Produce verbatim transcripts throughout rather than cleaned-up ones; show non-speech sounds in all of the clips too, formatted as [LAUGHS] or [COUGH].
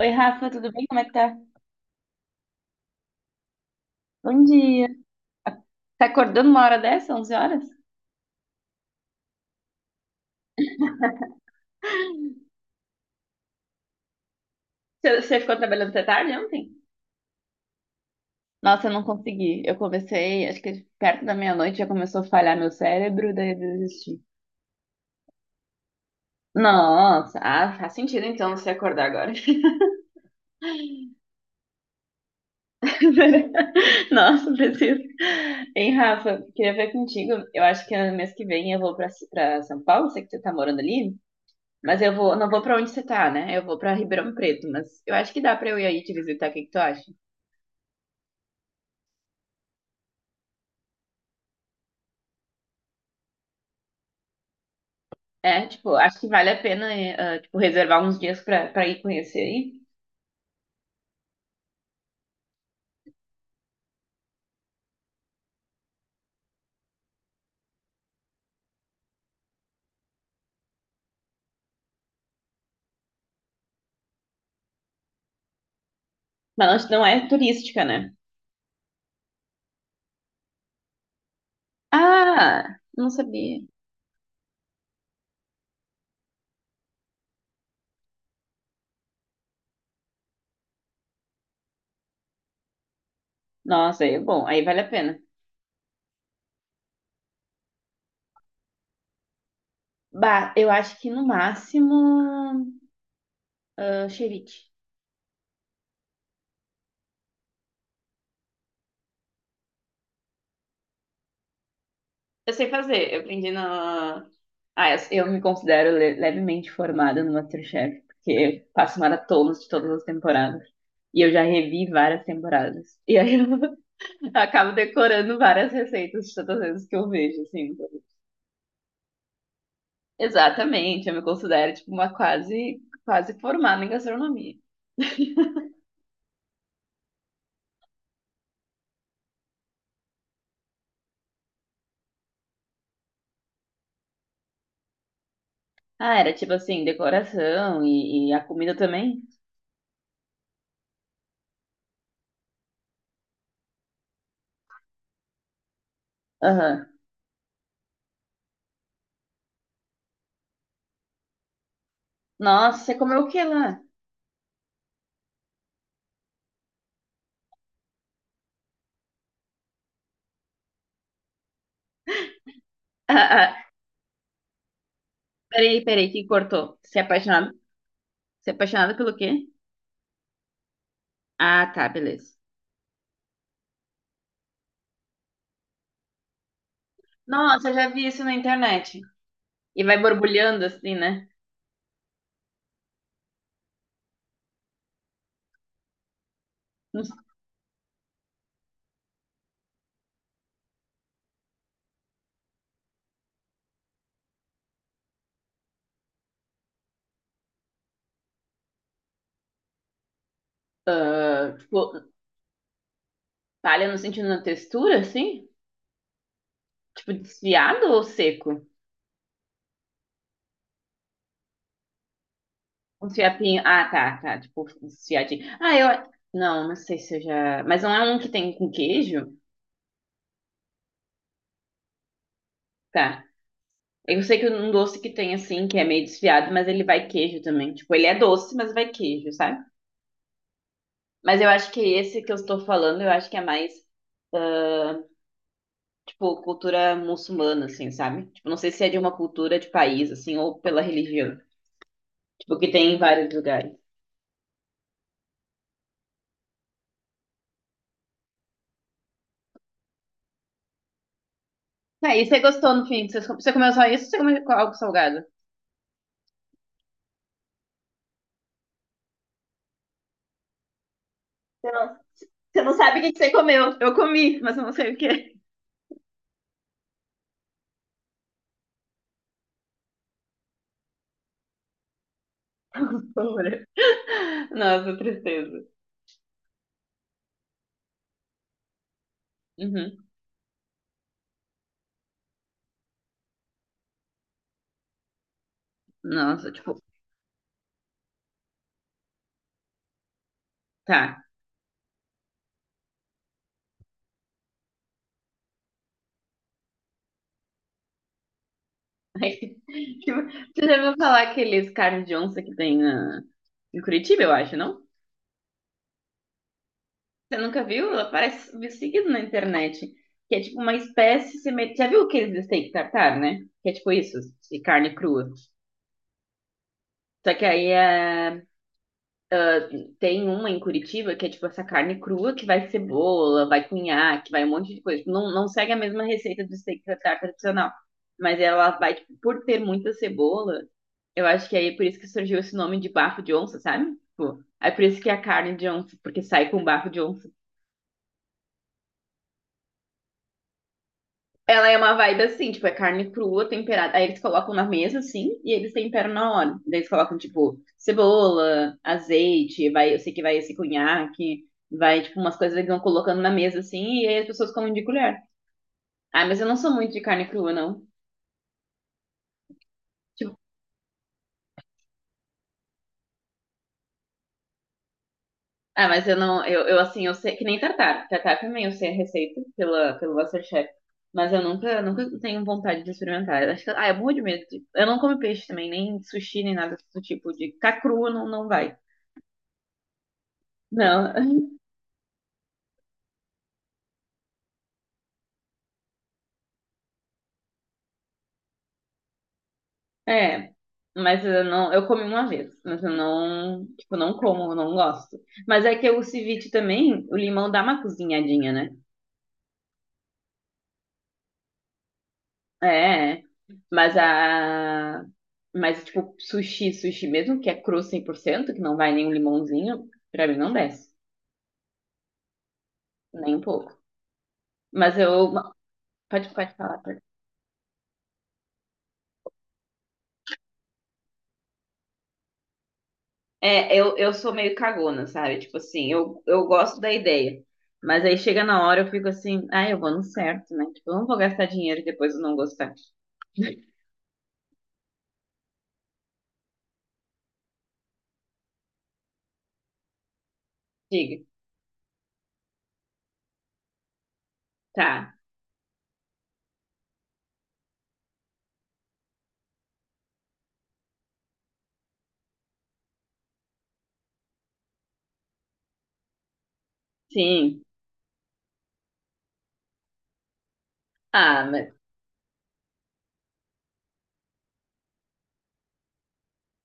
Oi, Rafa, tudo bem? Como é que tá? Bom dia. Tá acordando uma hora dessa, onze horas? Você você ficou trabalhando até tarde ontem? Nossa, eu não consegui. Eu comecei, acho que perto da meia-noite já começou a falhar meu cérebro, daí eu desisti. Nossa, ah, faz sentido então você acordar agora. [LAUGHS] Nossa, preciso. Hein, Rafa, queria ver contigo. Eu acho que mês que vem eu vou pra, pra São Paulo, sei que você tá morando ali, mas eu vou, não vou pra onde você tá, né? Eu vou pra Ribeirão Preto, mas eu acho que dá pra eu ir aí te visitar, o que que tu acha? É, tipo, acho que vale a pena, eh, ah, tipo, reservar uns dias pra, pra ir conhecer aí. Mas não não é turística, né? Ah, não sabia. Nossa, aí é bom, aí vale a pena. Bah, eu acho que no máximo, ah, ceviche. Eu sei fazer, eu aprendi na... Ah, eu, eu me considero le- levemente formada no MasterChef, porque eu faço maratonas de todas as temporadas. E eu já revi várias temporadas. E aí eu [LAUGHS] acabo decorando várias receitas de todas as vezes que eu vejo, assim. Exatamente, eu me considero tipo uma quase quase formada em gastronomia. Ah, era tipo assim, decoração e, e a comida também? Aham. Nossa, você comeu o que lá? [LAUGHS] Ah, ah, peraí, peraí, que cortou. Você é apaixonado? Você é apaixonado pelo quê? Ah, tá, beleza. Nossa, eu já vi isso na internet. E vai borbulhando assim, né? Não- Tipo, palha no sentido da textura, assim? Tipo, desfiado ou seco? Um fiapinho. Ah, tá, tá. Tipo, um fiadinho. Ah, eu. Não, não sei se eu já. Mas não é um que tem com queijo? Tá. Eu sei que um doce que tem assim, que é meio desfiado, mas ele vai queijo também. Tipo, ele é doce, mas vai queijo, sabe? Mas eu acho que esse que eu estou falando, eu acho que é mais, tipo, cultura muçulmana, assim, sabe? Tipo, não sei se é de uma cultura de país, assim, ou pela religião. Tipo, que tem em vários lugares. Tá, e você gostou no fim? Você você comeu só isso ou você comeu algo salgado? Você não, você não sabe o que que você comeu. Eu comi, mas eu não sei o que. Bora. Nossa, tristeza. Uhum. Nossa, tipo, tá. Aí, [LAUGHS] tipo, você já ouviu falar aqueles carnes de onça que tem na... em Curitiba, eu acho, não? Você nunca viu? Ela aparece seguido na internet. Que é tipo uma espécie semelhante. Já viu aqueles steak tartar, né? Que é tipo isso, de carne crua. Só que aí é tem uma em Curitiba que é tipo essa carne crua que vai cebola, vai cunhaque, vai um monte de coisa. Tipo, não, não segue a mesma receita do steak tartar tradicional. Mas ela vai, tipo, por ter muita cebola, eu acho que aí é por isso que surgiu esse nome de bafo de onça, sabe? Tipo, é por isso que é a carne de onça, porque sai com bafo de onça. Ela é uma vibe assim, tipo, é carne crua, temperada. Aí eles colocam na mesa, assim, e eles temperam na hora. Daí eles colocam, tipo, cebola, azeite, vai, eu sei que vai esse cunhaque, vai, tipo, umas coisas que eles vão colocando na mesa, assim, e aí as pessoas comem de colher. Ah, mas eu não sou muito de carne crua, não. Tipo, ah, mas eu não, eu, eu assim, eu sei, que nem tartar. Tartar também eu sei a receita pela, pelo Masterchef. Mas eu nunca, nunca tenho vontade de experimentar. Eu acho que, ah, é morro de medo. de- Eu não como peixe também, nem sushi, nem nada do tipo de. Ficar crua não, não vai. Não, [LAUGHS] é. Mas eu não, eu comi uma vez, mas eu não, tipo, não como, eu não gosto. Mas é que o ceviche também, o limão dá uma cozinhadinha, né? É, mas a, mas tipo, sushi, sushi mesmo, que é cru cem por cento que não vai nem um limãozinho, pra mim não desce, nem um pouco. Mas eu, pode, pode falar, É, eu, eu sou meio cagona, sabe? Tipo assim, eu, eu gosto da ideia. Mas aí chega na hora, eu fico assim, ah, eu vou no certo, né? Tipo, eu não vou gastar dinheiro e depois eu não gostar. [LAUGHS] Diga, tá, sim. Ah, mas. [LAUGHS]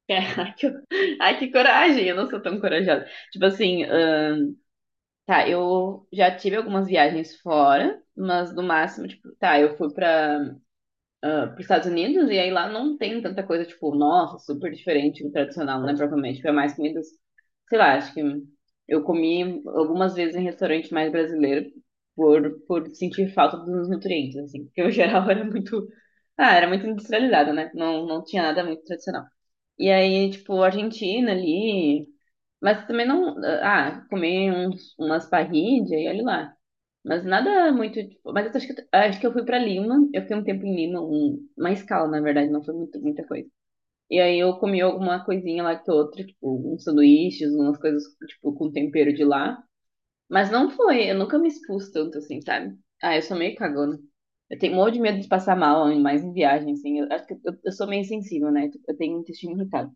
Ai, que, ai, que coragem, eu não sou tão corajosa. Tipo assim, ahn, tá, eu já tive algumas viagens fora, mas no máximo, tipo, tá, eu fui pra ah, para os Estados Unidos, e aí lá não tem tanta coisa, tipo, nossa, super diferente do tradicional, né? Provavelmente é mais comidas, sei lá, acho que eu comi algumas vezes em restaurante mais brasileiro por, por sentir falta dos nutrientes, assim, porque o geral [LAUGHS] era muito, ah, era muito industrializado, né? Não, não tinha nada muito tradicional. E aí, tipo, Argentina ali, mas também não, ah, comer uns, umas parrillas e olha lá. Mas nada muito. Tipo, mas eu acho que, acho que eu fui pra Lima. Eu fiquei um tempo em Lima, um, uma escala, na verdade, não foi muito, muita coisa. E aí eu comi alguma coisinha lá que outra, tipo, uns sanduíches, umas coisas, tipo, com tempero de lá. Mas não foi, eu nunca me expus tanto assim, sabe? Ah, eu sou meio cagona. Eu tenho um monte de medo de passar mal, ainda mais em viagem, assim. Eu acho que eu, eu sou meio sensível, né? Tipo, eu tenho intestino irritado.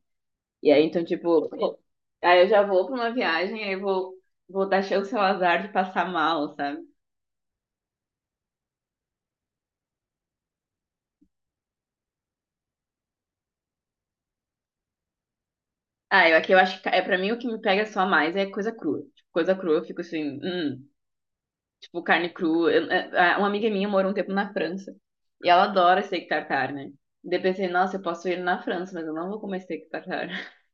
E aí, então, tipo, pô, aí eu já vou pra uma viagem, aí eu vou, vou dar chance ao azar de passar mal, sabe? Ah, eu aqui eu acho que é para mim o que me pega só mais é coisa crua. Tipo, coisa crua, eu fico assim, hum, tipo carne crua. Eu- é, é, uma amiga minha morou um tempo na França e ela adora steak tartar, né? Daí eu pensei, nossa, eu posso ir na França, mas eu não vou comer steak tartar. [LAUGHS]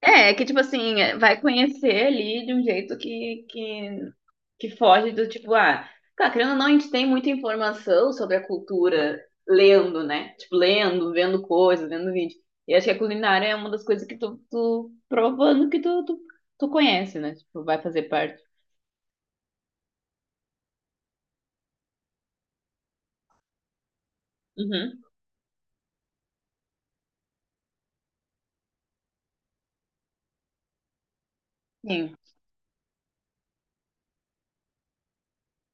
É, é que tipo assim, é, vai conhecer ali de um jeito que, que que foge do tipo, ah, tá, querendo ou não, a gente tem muita informação sobre a cultura lendo, né? Tipo, lendo, vendo coisas, vendo vídeo. E acho que a culinária é uma das coisas que tu, tu provando que tu, tu, tu conhece, né? Tipo, vai fazer parte. Uhum. Sim.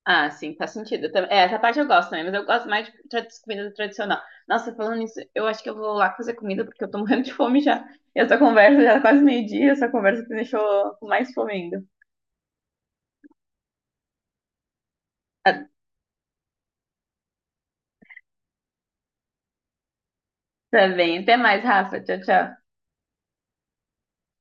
Ah, sim, faz sentido. Eu tam- É, essa parte eu gosto também, mas eu gosto mais de tra- comida tradicional. Nossa, falando nisso, eu acho que eu vou lá fazer comida porque eu tô morrendo de fome já. E essa conversa já é quase meio-dia, essa conversa que me deixou com mais fome ainda. Ah, tá bem, até mais, Rafa. Tchau, tchau.